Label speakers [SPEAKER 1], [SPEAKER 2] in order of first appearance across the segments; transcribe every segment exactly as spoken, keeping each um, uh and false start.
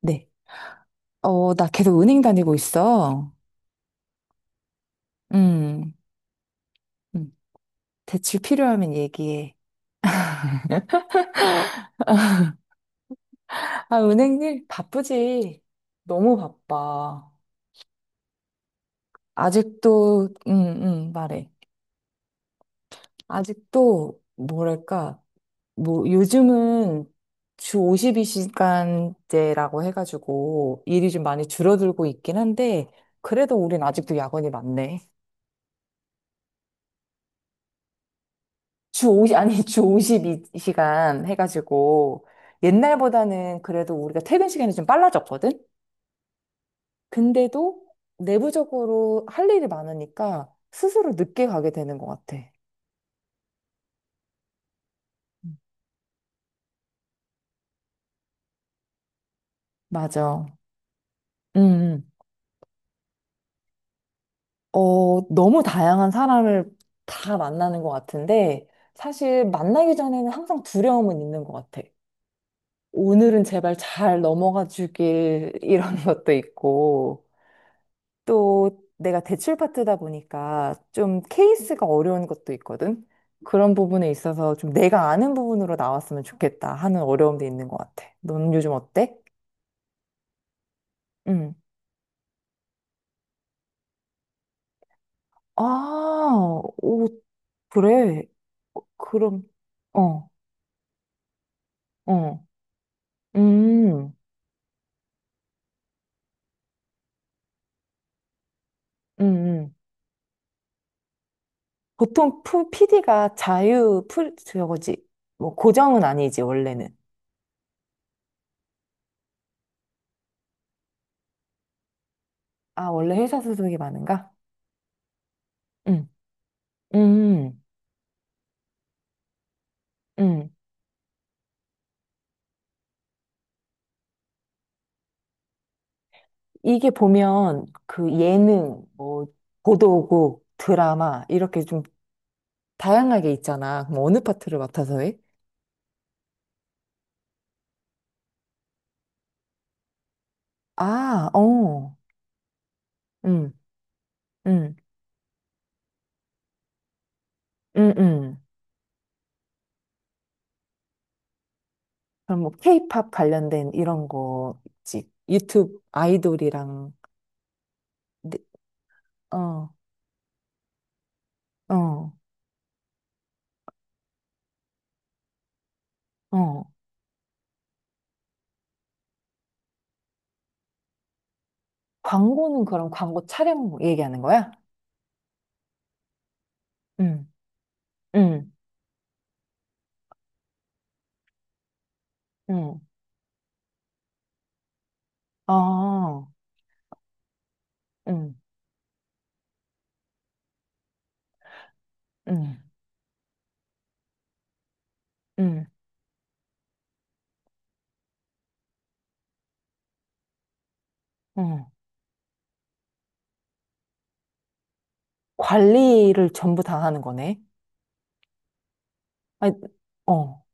[SPEAKER 1] 네. 어, 나 계속 은행 다니고 있어. 음, 음. 대출 필요하면 얘기해. 아, 은행 일 바쁘지. 너무 바빠. 아직도, 음, 음, 말해. 아직도, 뭐랄까, 뭐, 요즘은 주 오십이 시간제라고 해가지고 일이 좀 많이 줄어들고 있긴 한데, 그래도 우린 아직도 야근이 많네. 주 오십, 아니, 주 오십이 시간 해가지고, 옛날보다는 그래도 우리가 퇴근 시간이 좀 빨라졌거든? 근데도 내부적으로 할 일이 많으니까 스스로 늦게 가게 되는 것 같아. 음. 맞아. 음, 음. 어, 너무 다양한 사람을 다 만나는 것 같은데, 사실 만나기 전에는 항상 두려움은 있는 것 같아. 오늘은 제발 잘 넘어가 주길, 이런 것도 있고, 또 내가 대출 파트다 보니까 좀 케이스가 어려운 것도 있거든. 그런 부분에 있어서 좀 내가 아는 부분으로 나왔으면 좋겠다 하는 어려움도 있는 것 같아. 넌 요즘 어때? 응. 아, 오, 그래. 어, 그럼, 어, 어, 음, 음, 음. 보통 피디가 자유, 풀, 저거지. 뭐, 고정은 아니지, 원래는. 아, 원래 회사 소속이 많은가? 응, 음, 음. 이게 보면 그 예능, 뭐, 보도국, 드라마, 이렇게 좀 다양하게 있잖아. 그럼 어느 파트를 맡아서 해? 아, 어, 응, 응, 응, 응. 그럼 뭐, 케이팝 관련된 이런 거 있지. 유튜브 아이돌이랑, 네, 어, 어, 어. 광고는 그럼 광고 촬영 얘기하는 거야? 응, 응, 응. 아, 응, 응, 응, 응. 관리를 전부 다 하는 거네. 아니, 어.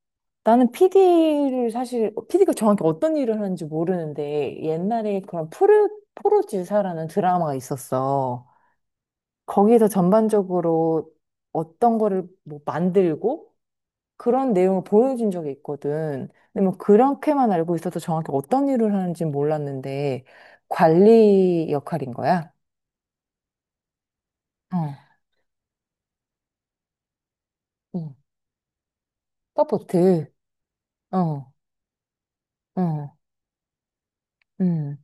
[SPEAKER 1] 나는 피디를 사실, 피디가 정확히 어떤 일을 하는지 모르는데, 옛날에 그런 프로 프로지사라는 드라마가 있었어. 거기서 전반적으로 어떤 거를 뭐 만들고 그런 내용을 보여준 적이 있거든. 근데 뭐 그렇게만 알고 있어서 정확히 어떤 일을 하는지 몰랐는데, 관리 역할인 거야. 어, 응. 서포트. 어, 어, 음,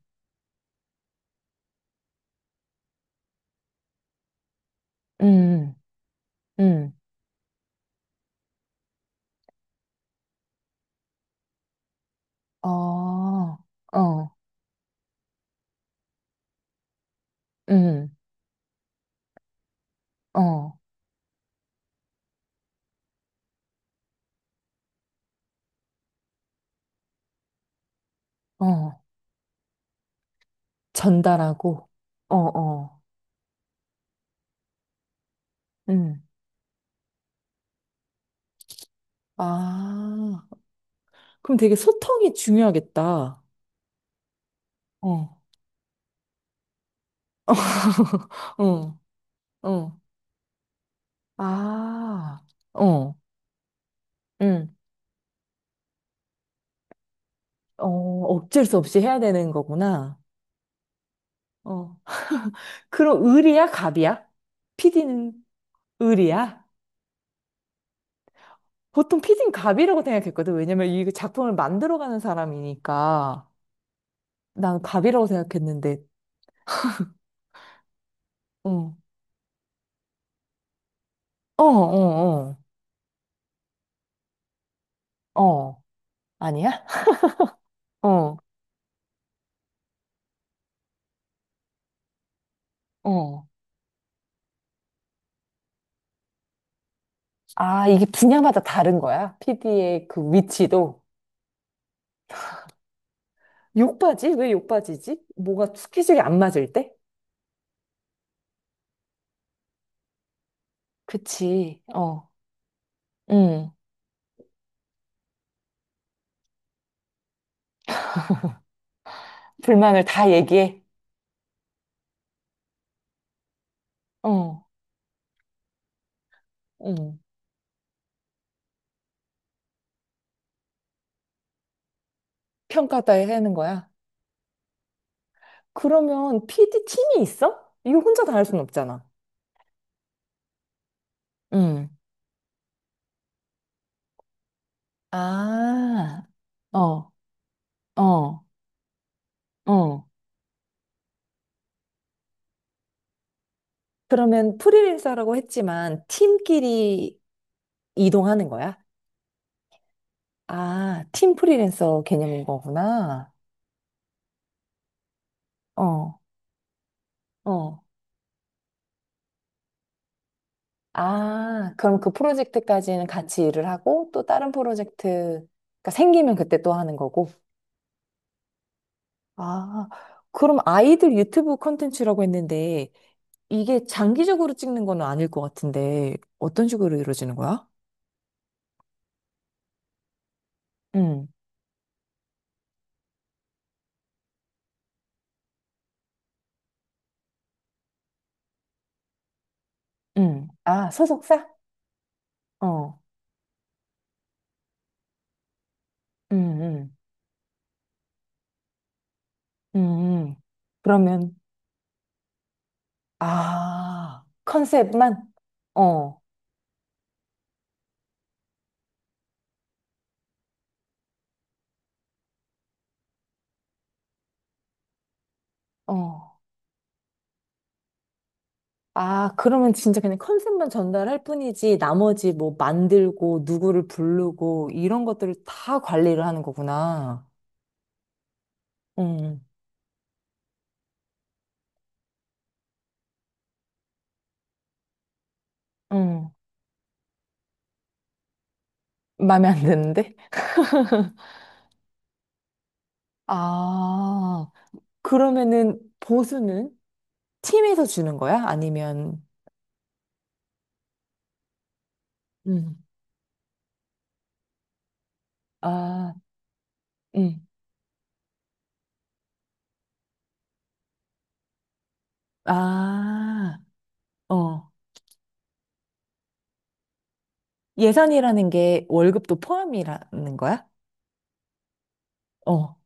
[SPEAKER 1] 음, 음. 어, 어, 음, 어, 어, 전달하고, 어, 어, 음. 아, 그럼 되게 소통이 중요하겠다. 어, 어, 어, 아, 어, 음, 어, 어쩔 수 없이 해야 되는 거구나. 어, 그럼 을이야, 갑이야? 피디는 을이야? 보통 피디는 갑이라고 생각했거든. 왜냐면 이 작품을 만들어가는 사람이니까. 난 갑이라고 생각했는데, 어, 어, 어, 어. 어. 아니야? 어, 어. 아, 이게 분야마다 다른 거야? 피디의 그 위치도? 욕바지? 왜 욕바지지? 뭐가 스케줄이 안 맞을 때? 그치. 어, 응 불만을 다 얘기해. 어. 응 평가다에 하는 거야. 그러면 피디 팀이 있어? 이거 혼자 다 할 순 없잖아. 응 아, 어, 어, 어. 그러면 프리랜서라고 했지만 팀끼리 이동하는 거야? 아, 팀 프리랜서 개념인 거구나. 어, 어. 아, 그럼 그 프로젝트까지는 같이 일을 하고 또 다른 프로젝트가 생기면 그때 또 하는 거고. 아, 그럼 아이들 유튜브 콘텐츠라고 했는데 이게 장기적으로 찍는 건 아닐 것 같은데 어떤 식으로 이루어지는 거야? 응, 응. 아, 소속사? 어, 응, 응, 응. 그러면, 아, 컨셉만? 어, 어. 아, 그러면 진짜 그냥 컨셉만 전달할 뿐이지, 나머지 뭐 만들고, 누구를 부르고, 이런 것들을 다 관리를 하는 거구나. 응, 응. 마음에 안 드는데? 아, 그러면은 보수는 팀에서 주는 거야? 아니면, 음, 아, 음, 아, 어. 예산이라는 게 월급도 포함이라는 거야? 어.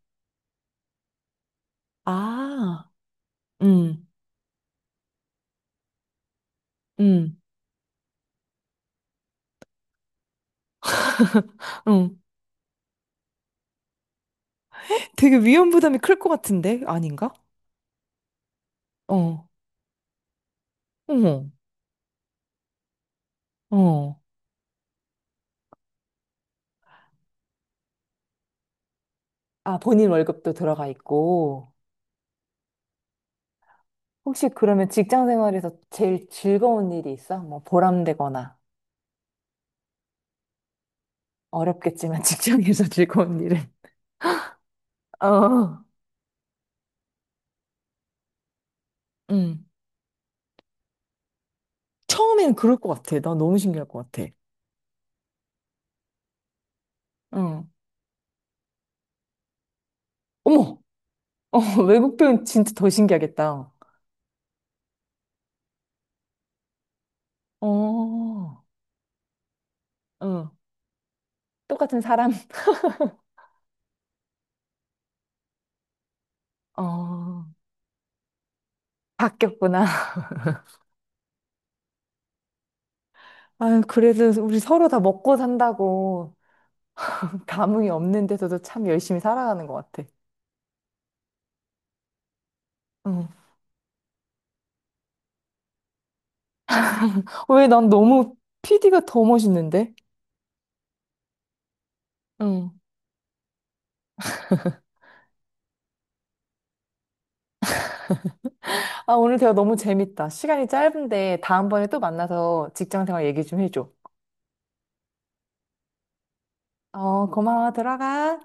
[SPEAKER 1] 아, 음, 음, 음. 되게 위험 부담이 클 것 같은데? 아닌가? 어, 어머, 어. 아, 본인 월급도 들어가 있고. 혹시 그러면 직장 생활에서 제일 즐거운 일이 있어? 뭐 보람되거나 어렵겠지만 직장에서 즐거운 일은. 어, 응. 처음엔 그럴 것 같아. 나 너무 신기할 것 같아. 응. 어머, 어, 외국 표현 진짜 더 신기하겠다. 어, 응. 똑같은 사람 어. 바뀌었구나. 아유, 그래도 우리 서로 다 먹고 산다고 감흥이 없는데서도 참 열심히 살아가는 것 같아. 응. 왜 난 너무 피디가 더 멋있는데? 응. 아, 오늘 대화 너무 재밌다. 시간이 짧은데 다음번에 또 만나서 직장 생활 얘기 좀 해줘. 어, 고마워. 들어가.